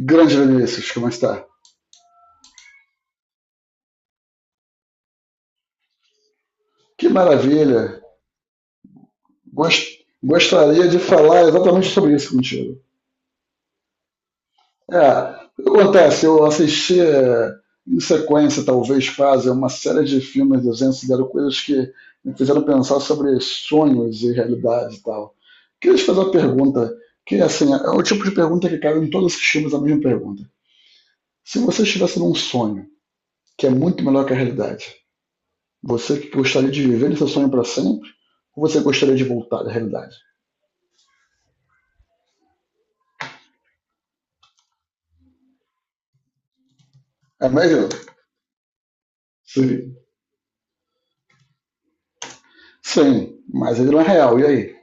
Grande Vinícius, como está? Que maravilha! Gostaria de falar exatamente sobre isso contigo. É, o que acontece? Eu assisti em sequência, talvez quase, uma série de filmes desenhos que deram coisas que me fizeram pensar sobre sonhos e realidade e tal. Queria te fazer uma pergunta, que assim, é o tipo de pergunta que cabe em todos os filmes, a mesma pergunta. Se você estivesse num sonho, que é muito melhor que a realidade, você que gostaria de viver esse sonho para sempre? Ou você gostaria de voltar à realidade? É mesmo? Sim. Sim, mas ele não é real, e aí?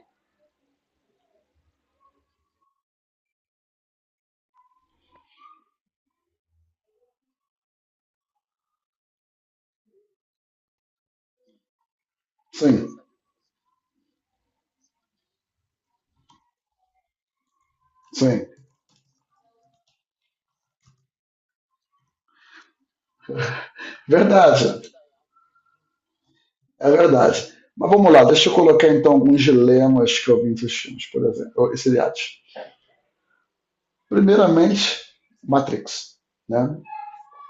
Sim, sim. Verdade, é verdade. Mas vamos lá, deixa eu colocar então alguns dilemas que eu vi nesses filmes, por exemplo, esses seriados. Primeiramente, Matrix. Né?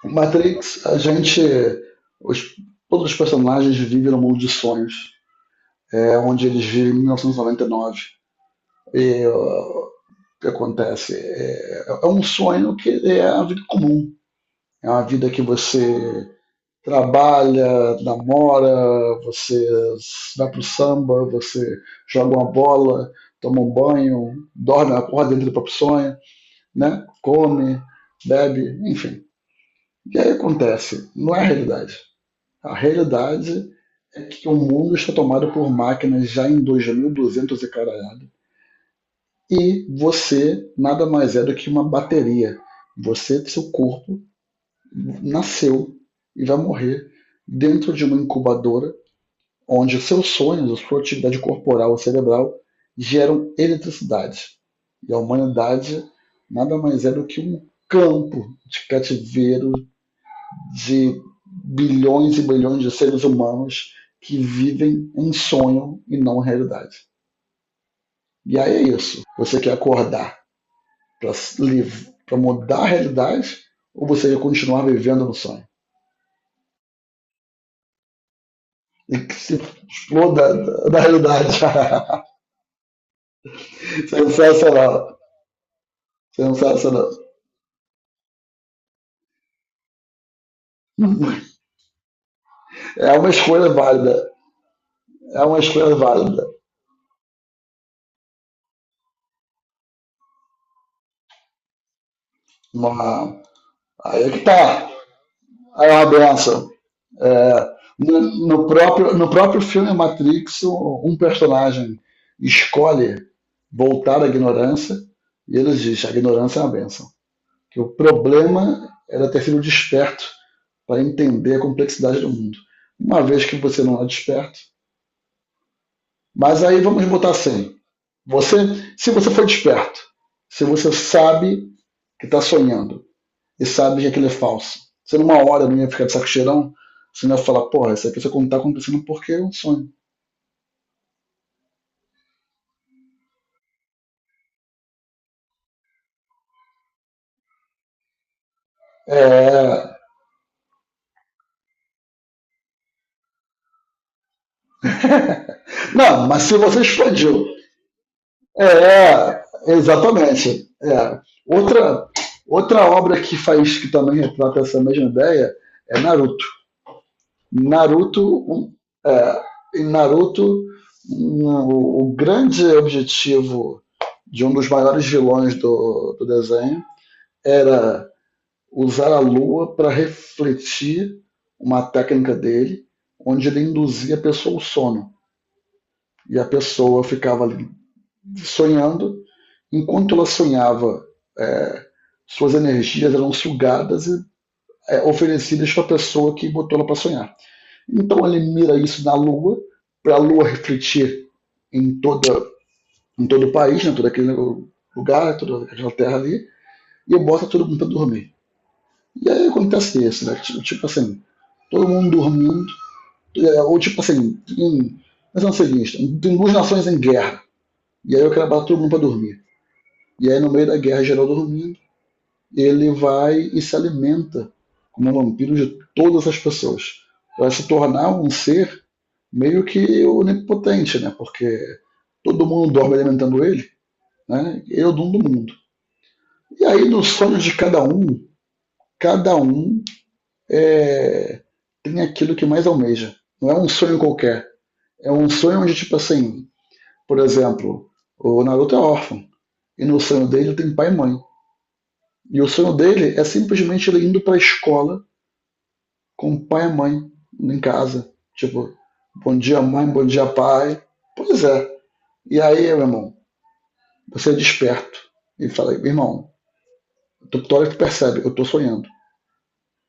Matrix, a gente. Os, todos os personagens vivem num mundo de sonhos, onde eles vivem em 1999. E noventa e nove. E que acontece. É um sonho que é a vida comum. É uma vida que você trabalha, namora, você vai pro samba, você joga uma bola, toma um banho, dorme, acorda dentro do próprio sonho, né? Come, bebe, enfim. E aí acontece, não é a realidade. A realidade é que o mundo está tomado por máquinas já em 2.200 e duzentos e caralhada, e você nada mais é do que uma bateria. Você, seu corpo, nasceu e vai morrer dentro de uma incubadora onde os seus sonhos, a sua atividade corporal, cerebral geram eletricidade. E a humanidade nada mais é do que um campo de cativeiro de bilhões e bilhões de seres humanos que vivem em sonho e não realidade. E aí é isso. Você quer acordar para mudar a realidade ou você ia continuar vivendo no sonho? E que se exploda da realidade. Sensacional. Sensacional. É uma escolha válida. É uma escolha válida. Uma... Aí é que tá. Aí é uma benção. É, no, no, próprio, no próprio filme Matrix, um personagem escolhe voltar à ignorância e ele diz: a ignorância é uma benção. Que o problema era ter sido desperto para entender a complexidade do mundo. Uma vez que você não é desperto, mas aí vamos botar assim: você, se você for desperto, se você sabe que está sonhando e sabe que aquilo é falso, você numa hora não ia ficar de saco cheirão, você não ia falar, porra, isso aqui só está acontecendo porque é um sonho. É. Não, mas se você explodiu. É, exatamente. É. Outra, outra obra que faz que também retrata essa mesma ideia é Naruto. Naruto, um, é, Em Naruto, o grande objetivo de um dos maiores vilões do desenho era usar a lua para refletir uma técnica dele, onde ele induzia a pessoa ao sono. E a pessoa ficava ali sonhando, enquanto ela sonhava, é, suas energias eram sugadas e oferecidas para a pessoa que botou ela para sonhar. Então ele mira isso na Lua, para a Lua refletir em, toda, em todo o país, em todo aquele lugar, toda aquela terra ali, e bota todo mundo para dormir. E aí acontece isso, né? Tipo assim, todo mundo dormindo, ou tipo assim, mas não sei seguinte, tem duas nações em guerra, e aí eu quero botar todo mundo para dormir. E aí no meio da guerra geral dormindo, ele vai e se alimenta como um vampiro de todas as pessoas. Vai se tornar um ser meio que onipotente, né? Porque todo mundo dorme alimentando ele, né? Ele é o dono do mundo. E aí, nos sonhos de cada um é... tem aquilo que mais almeja. Não é um sonho qualquer. É um sonho onde, tipo assim, por exemplo, o Naruto é órfão. E no sonho dele tem pai e mãe. E o sonho dele é simplesmente ele indo para a escola com o pai e a mãe em casa. Tipo, bom dia mãe, bom dia pai. Pois é. E aí, meu irmão, você é desperto e fala, irmão, tu olha que tu percebe, eu tô sonhando.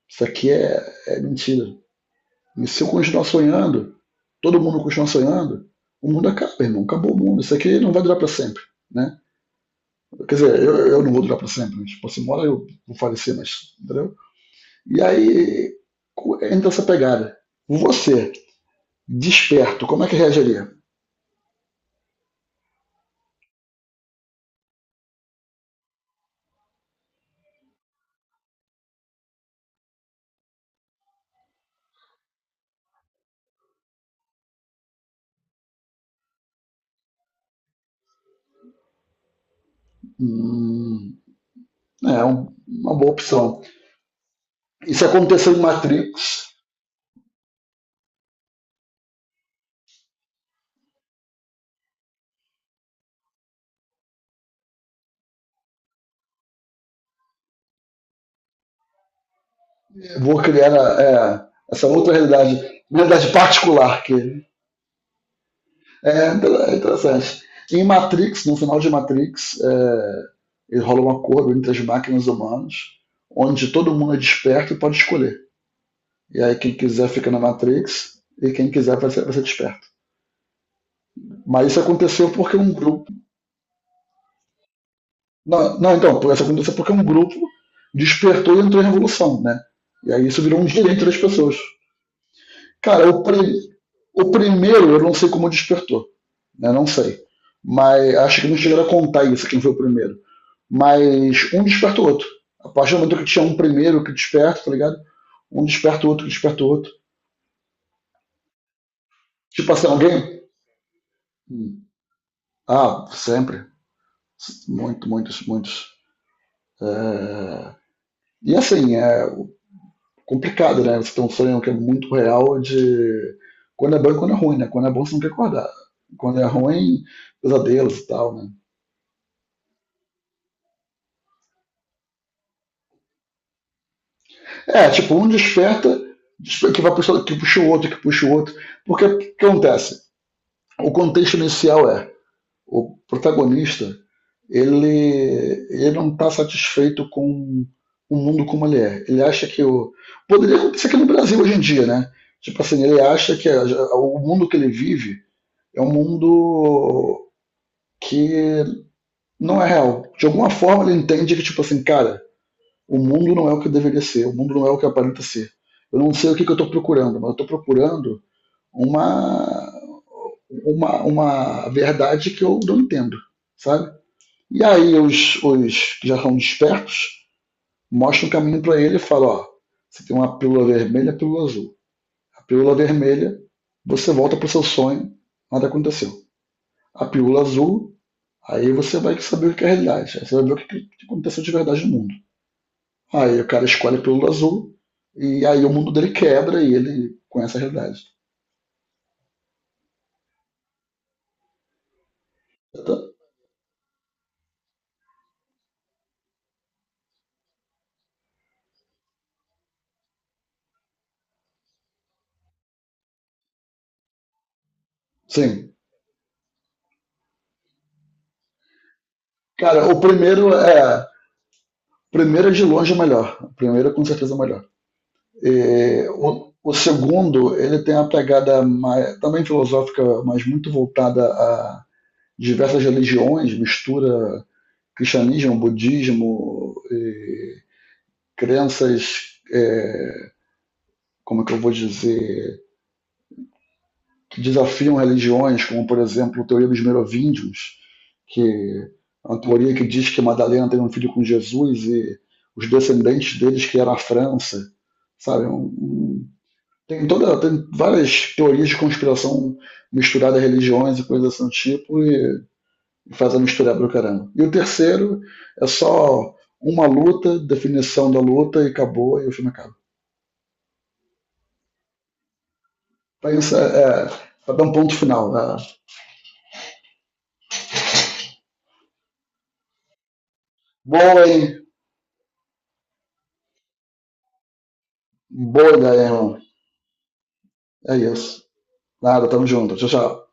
Isso aqui é mentira. E se eu continuar sonhando, todo mundo continuar sonhando, o mundo acaba, irmão. Acabou o mundo. Isso aqui não vai durar para sempre. Né? Quer dizer, eu não vou durar para sempre. Mas, tipo, se mora eu vou falecer, mas. Entendeu? E aí entra essa pegada. Você, desperto, como é que reagiria? Hum, é uma boa opção. Isso aconteceu em Matrix. Vou criar essa outra realidade, uma realidade particular que é interessante. Em Matrix, no final de Matrix, ele rola um acordo entre as máquinas humanas, onde todo mundo é desperto e pode escolher. E aí quem quiser fica na Matrix e quem quiser vai ser desperto. Mas isso aconteceu porque um grupo Não, não, então, por essa aconteceu porque um grupo despertou e entrou em revolução, né? E aí isso virou um direito das pessoas. Cara, o primeiro eu não sei como despertou, né? Não sei. Mas acho que não chegaram a contar isso, quem foi o primeiro. Mas um desperta o outro. A partir do momento que tinha um primeiro que desperta, tá ligado? Um desperta o outro, que desperta o outro. Tipo assim, alguém. Hum. Ah, sempre. Muito, muitos, muitos. É, E assim, complicado, né? Você tem um sonho que é muito real de quando é bom e quando é ruim, né? Quando é bom você não quer acordar. Quando é ruim, pesadelos e tal, né? É, tipo, um que vai puxar, que puxa o outro, que puxa o outro. Porque o que acontece? O contexto inicial é, o protagonista, ele não está satisfeito com o mundo como ele é. Ele acha que o. Poderia acontecer aqui no Brasil hoje em dia, né? Tipo assim, ele acha que o mundo que ele vive é um mundo que não é real. De alguma forma ele entende que, tipo assim, cara, o mundo não é o que deveria ser, o mundo não é o que aparenta ser. Eu não sei o que, que eu estou procurando, mas eu estou procurando uma, uma verdade que eu não entendo, sabe? E aí os que já são despertos mostram o caminho para ele e falam, ó, você tem uma pílula vermelha e a pílula azul. A pílula vermelha, você volta para o seu sonho, nada aconteceu. A pílula azul, aí você vai saber o que é a realidade. Aí você vai ver o que, que aconteceu de verdade no mundo. Aí o cara escolhe a pílula azul e aí o mundo dele quebra e ele conhece a realidade. Sim. Cara, o primeiro é. O primeiro é de longe o melhor. O primeiro é com certeza o melhor. E o segundo, ele tem uma pegada mais, também filosófica, mas muito voltada a diversas religiões, mistura cristianismo, budismo, e crenças, como é que eu vou dizer, desafiam religiões, como por exemplo a teoria dos merovíndios, que é uma teoria que diz que Madalena teve um filho com Jesus e os descendentes deles criaram a França, sabe? Tem várias teorias de conspiração misturada a religiões e coisas desse tipo e faz a misturada pro caramba. E o terceiro é só uma luta, definição da luta e acabou e o filme acaba. Pensa, para dar um ponto final. É, boa, hein? Boa ideia, irmão. É isso. Nada, tamo junto. Tchau, tchau.